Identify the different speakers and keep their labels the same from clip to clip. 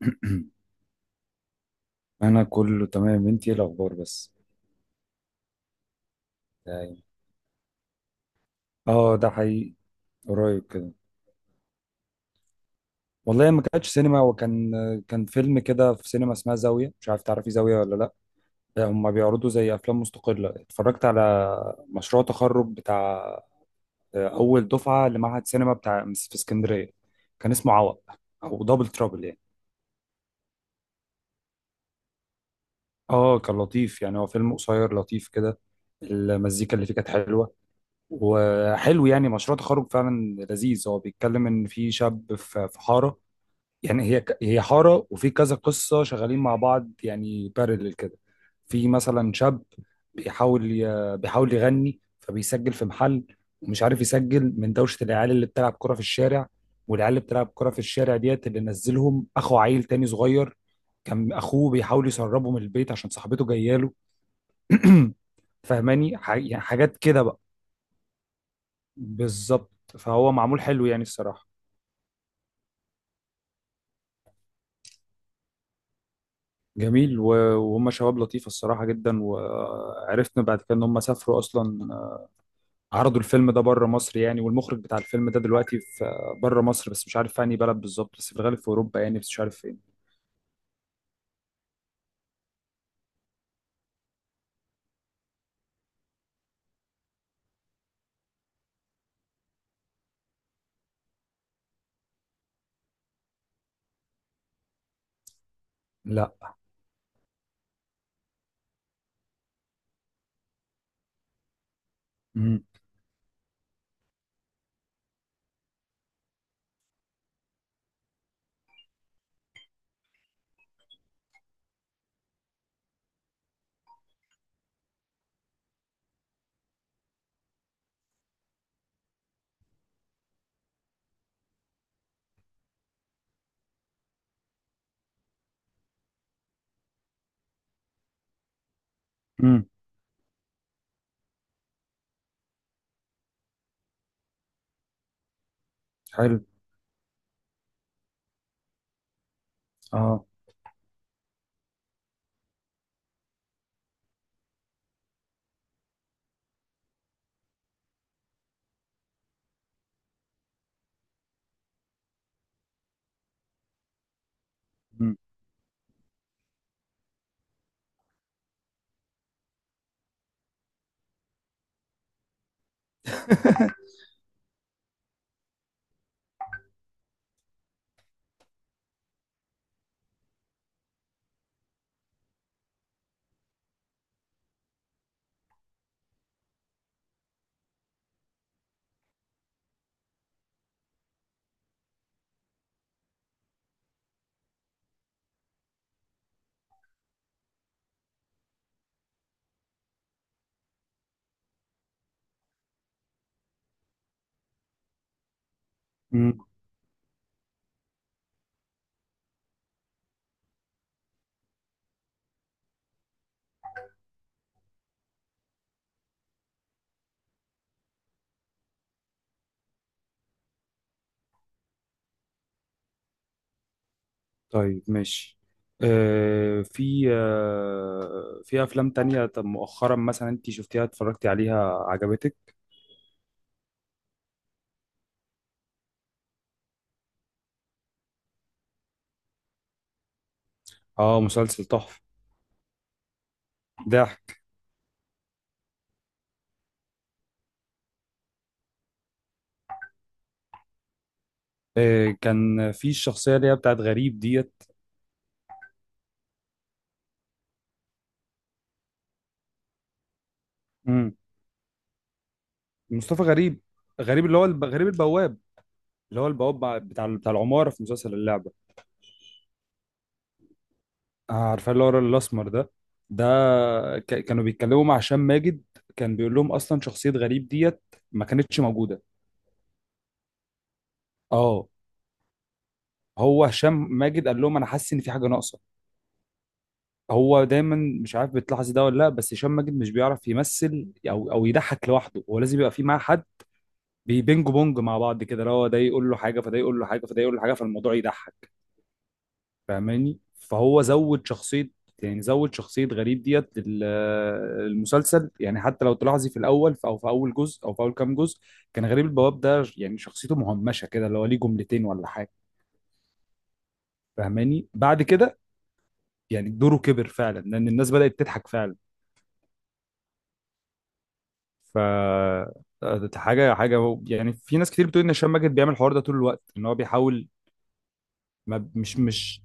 Speaker 1: انا كله تمام. انتي إيه الاخبار بس؟ يعني اه، ده حقيقي. قريب كده. والله ما كانتش سينما، وكان فيلم كده في سينما اسمها زاوية، مش عارف تعرفي زاوية ولا لا. هما بيعرضوا زي افلام مستقلة. اتفرجت على مشروع تخرج بتاع اول دفعة لمعهد سينما بتاع في اسكندرية. كان اسمه عوق، او دبل ترابل يعني. اه، كان لطيف يعني. هو فيلم قصير لطيف كده. المزيكا اللي فيه كانت حلوة. وحلو يعني، مشروع تخرج فعلا لذيذ. هو بيتكلم ان في شاب في حاره. يعني هي حاره، وفي كذا قصه شغالين مع بعض، يعني بارلل كده. في مثلا شاب، بيحاول يغني، فبيسجل في محل، ومش عارف يسجل من دوشه العيال اللي بتلعب كره في الشارع. والعيال اللي بتلعب كره في الشارع ديت اللي نزلهم اخو عيل تاني صغير. كان اخوه بيحاول يسربه من البيت عشان صاحبته جايه له. فاهماني؟ يعني حاجات كده بقى. بالظبط. فهو معمول حلو يعني الصراحة. جميل وهم شباب لطيفة الصراحة جدا. وعرفنا بعد كده ان هم سافروا اصلا. عرضوا الفيلم ده بره مصر يعني. والمخرج بتاع الفيلم ده دلوقتي في بره مصر، بس مش عارف في انهي بلد بالظبط، بس في الغالب في اوروبا يعني، بس مش عارف فين. لا. امم. امم. حلو. اه. امم. امم. طيب ماشي. في افلام تانية. طب مؤخرا مثلا انت شفتيها، اتفرجتي عليها، عجبتك؟ اه، مسلسل تحفة. ده، كان في الشخصيه اللي هي بتاعت غريب ديت. مم. مصطفى غريب. غريب اللي هو غريب البواب. اللي هو البواب، بتاع العماره في مسلسل اللعبه. عارفاه، اللي هو الراجل الاسمر ده. ده. كانوا بيتكلموا مع هشام ماجد. كان بيقول لهم اصلا شخصيه غريب ديت ما كانتش موجوده. اه، هو هشام ماجد قال لهم: انا حاسس ان في حاجه ناقصه. هو دايما، مش عارف بتلاحظي ده ولا لا، بس هشام ماجد مش بيعرف يمثل او يضحك لوحده. هو لازم يبقى في معاه حد، بيبينج بونج مع بعض كده، اللي هو ده يقول له حاجه، فده يقول له حاجه، فده يقول له حاجه، فالموضوع يضحك. فاهماني؟ فهو زود شخصيه. يعني زود شخصيه غريب ديت المسلسل. يعني حتى لو تلاحظي في الاول، او في اول جزء، او في اول كام جزء، كان غريب البواب ده يعني شخصيته مهمشه كده، اللي هو ليه جملتين ولا حاجه. فاهماني؟ بعد كده، يعني دوره كبر فعلا لان الناس بدات تضحك فعلا. ف ده، حاجه حاجه يعني، في ناس كتير بتقول ان هشام ماجد بيعمل الحوار ده طول الوقت، ان هو بيحاول. ما مش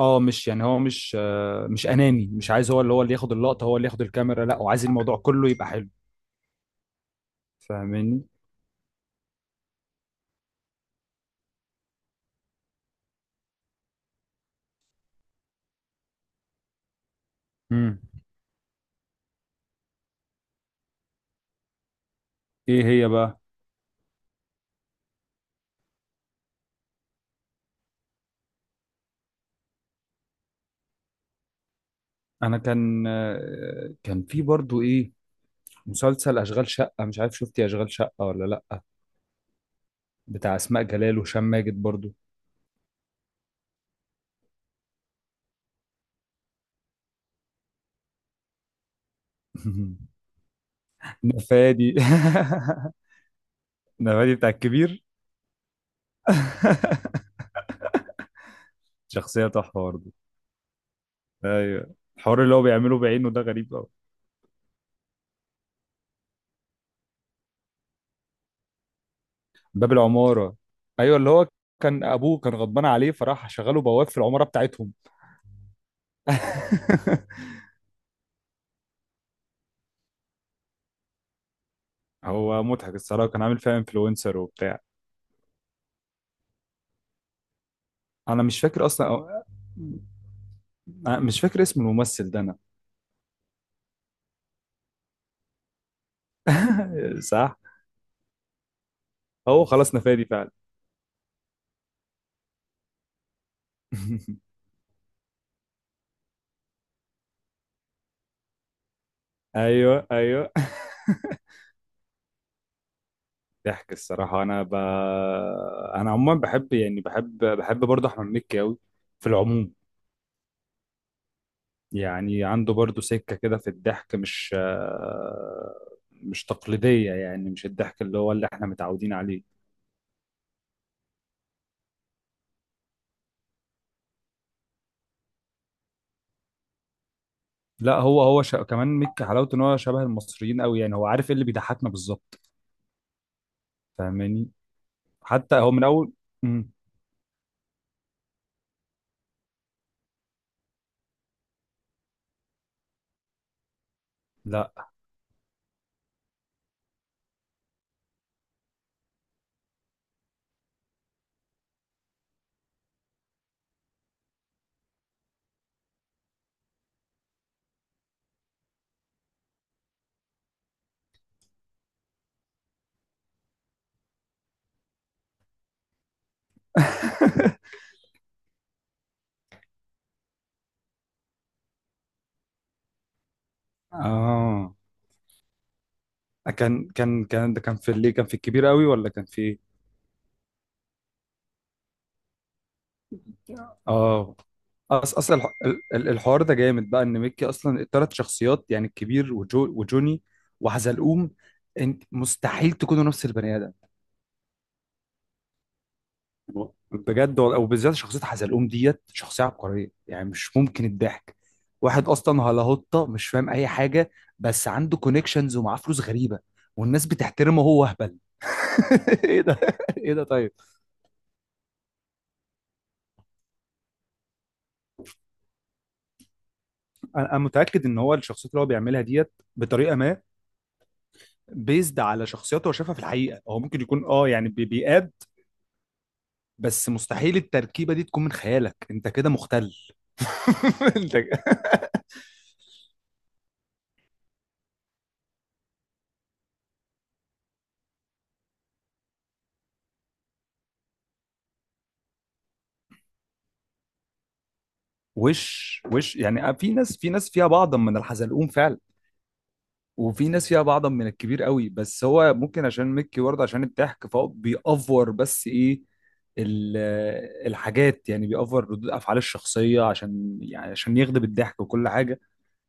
Speaker 1: اه مش يعني، هو مش اناني، مش عايز هو اللي ياخد اللقطه، هو اللي ياخد الكاميرا. لا، هو عايز الموضوع كله يبقى حلو. فاهماني؟ امم. ايه هي بقى؟ انا كان في برضو ايه، مسلسل اشغال شقه. مش عارف شفتي اشغال شقه ولا لا، بتاع اسماء جلال وهشام ماجد برضو. نفادي. نفادي بتاع الكبير. شخصيه تحفه برضو. ايوه، الحوار اللي هو بيعمله بعينه ده غريب. باب العمارة. ايوه، اللي هو كان ابوه كان غضبان عليه، فراح شغله بواب في العمارة بتاعتهم. هو مضحك الصراحة، كان عامل فيها انفلونسر وبتاع. انا مش فاكر اصلا أنا مش فاكر اسم الممثل ده انا. صح، هو خلاص نفادي فعلا. ايوه، ايوه. ضحك الصراحة. أنا عموما بحب، يعني بحب برضه أحمد مكي أوي، في العموم. يعني عنده برضو سكة كده في الضحك، مش تقليدية. يعني مش الضحك اللي هو اللي احنا متعودين عليه. لا، هو كمان، ميك حلاوته ان هو شبه المصريين قوي. يعني هو عارف ايه اللي بيضحكنا بالظبط. فاهماني؟ حتى هو من اول. مم. لا. اه، كان ده. كان في اللي كان في الكبير قوي، ولا كان في ايه؟ اه، أصل الحوار ده جامد بقى. إن ميكي أصلا التلات شخصيات، يعني الكبير، وجو، وجوني، وحزلقوم. أنت مستحيل تكونوا نفس البني آدم. بجد. وبالذات شخصية حزلقوم ديت شخصية عبقرية. يعني مش ممكن الضحك. واحد أصلا هلاهوطة، مش فاهم أي حاجة، بس عنده كونكشنز ومعاه فلوس غريبة، والناس بتحترمه وهو أهبل. ايه ده، ايه ده. طيب. أنا متاكد ان هو الشخصيات اللي هو بيعملها ديت بطريقه ما، بيزد على شخصياته هو شافها في الحقيقه. هو ممكن يكون، يعني بيقاد، بس مستحيل التركيبه دي تكون من خيالك، انت كده مختل. انت. وش يعني، في ناس فيها بعضا من الحزلقوم فعلا. وفي ناس فيها بعضا من الكبير قوي، بس هو ممكن عشان ميكي برضه، عشان الضحك فهو بيأفور. بس ايه، ال- الحاجات، يعني بيأفور ردود افعال الشخصيه، عشان يعني عشان يغضب الضحك وكل حاجه.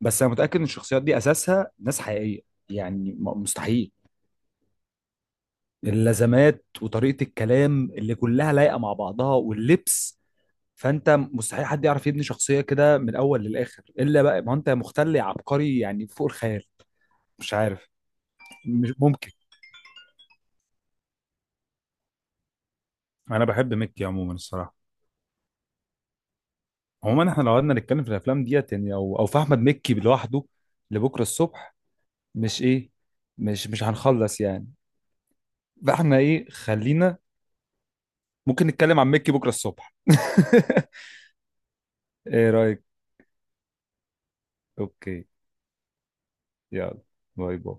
Speaker 1: بس انا متأكد ان الشخصيات دي اساسها ناس حقيقيه، يعني مستحيل. اللزمات وطريقة الكلام اللي كلها لايقة مع بعضها، واللبس، فانت مستحيل حد يعرف يبني شخصية كده من الاول للاخر، الا بقى ما انت مختل عبقري يعني فوق الخيال. مش عارف. مش ممكن. انا بحب مكي عموما الصراحه. عموما احنا لو قعدنا نتكلم في الافلام ديت يعني، او في احمد مكي لوحده، لبكره الصبح. مش ايه، مش هنخلص يعني. فاحنا ايه، خلينا، ممكن نتكلم عن مكي بكره الصبح. ايه رايك؟ اوكي. يلا. باي باي.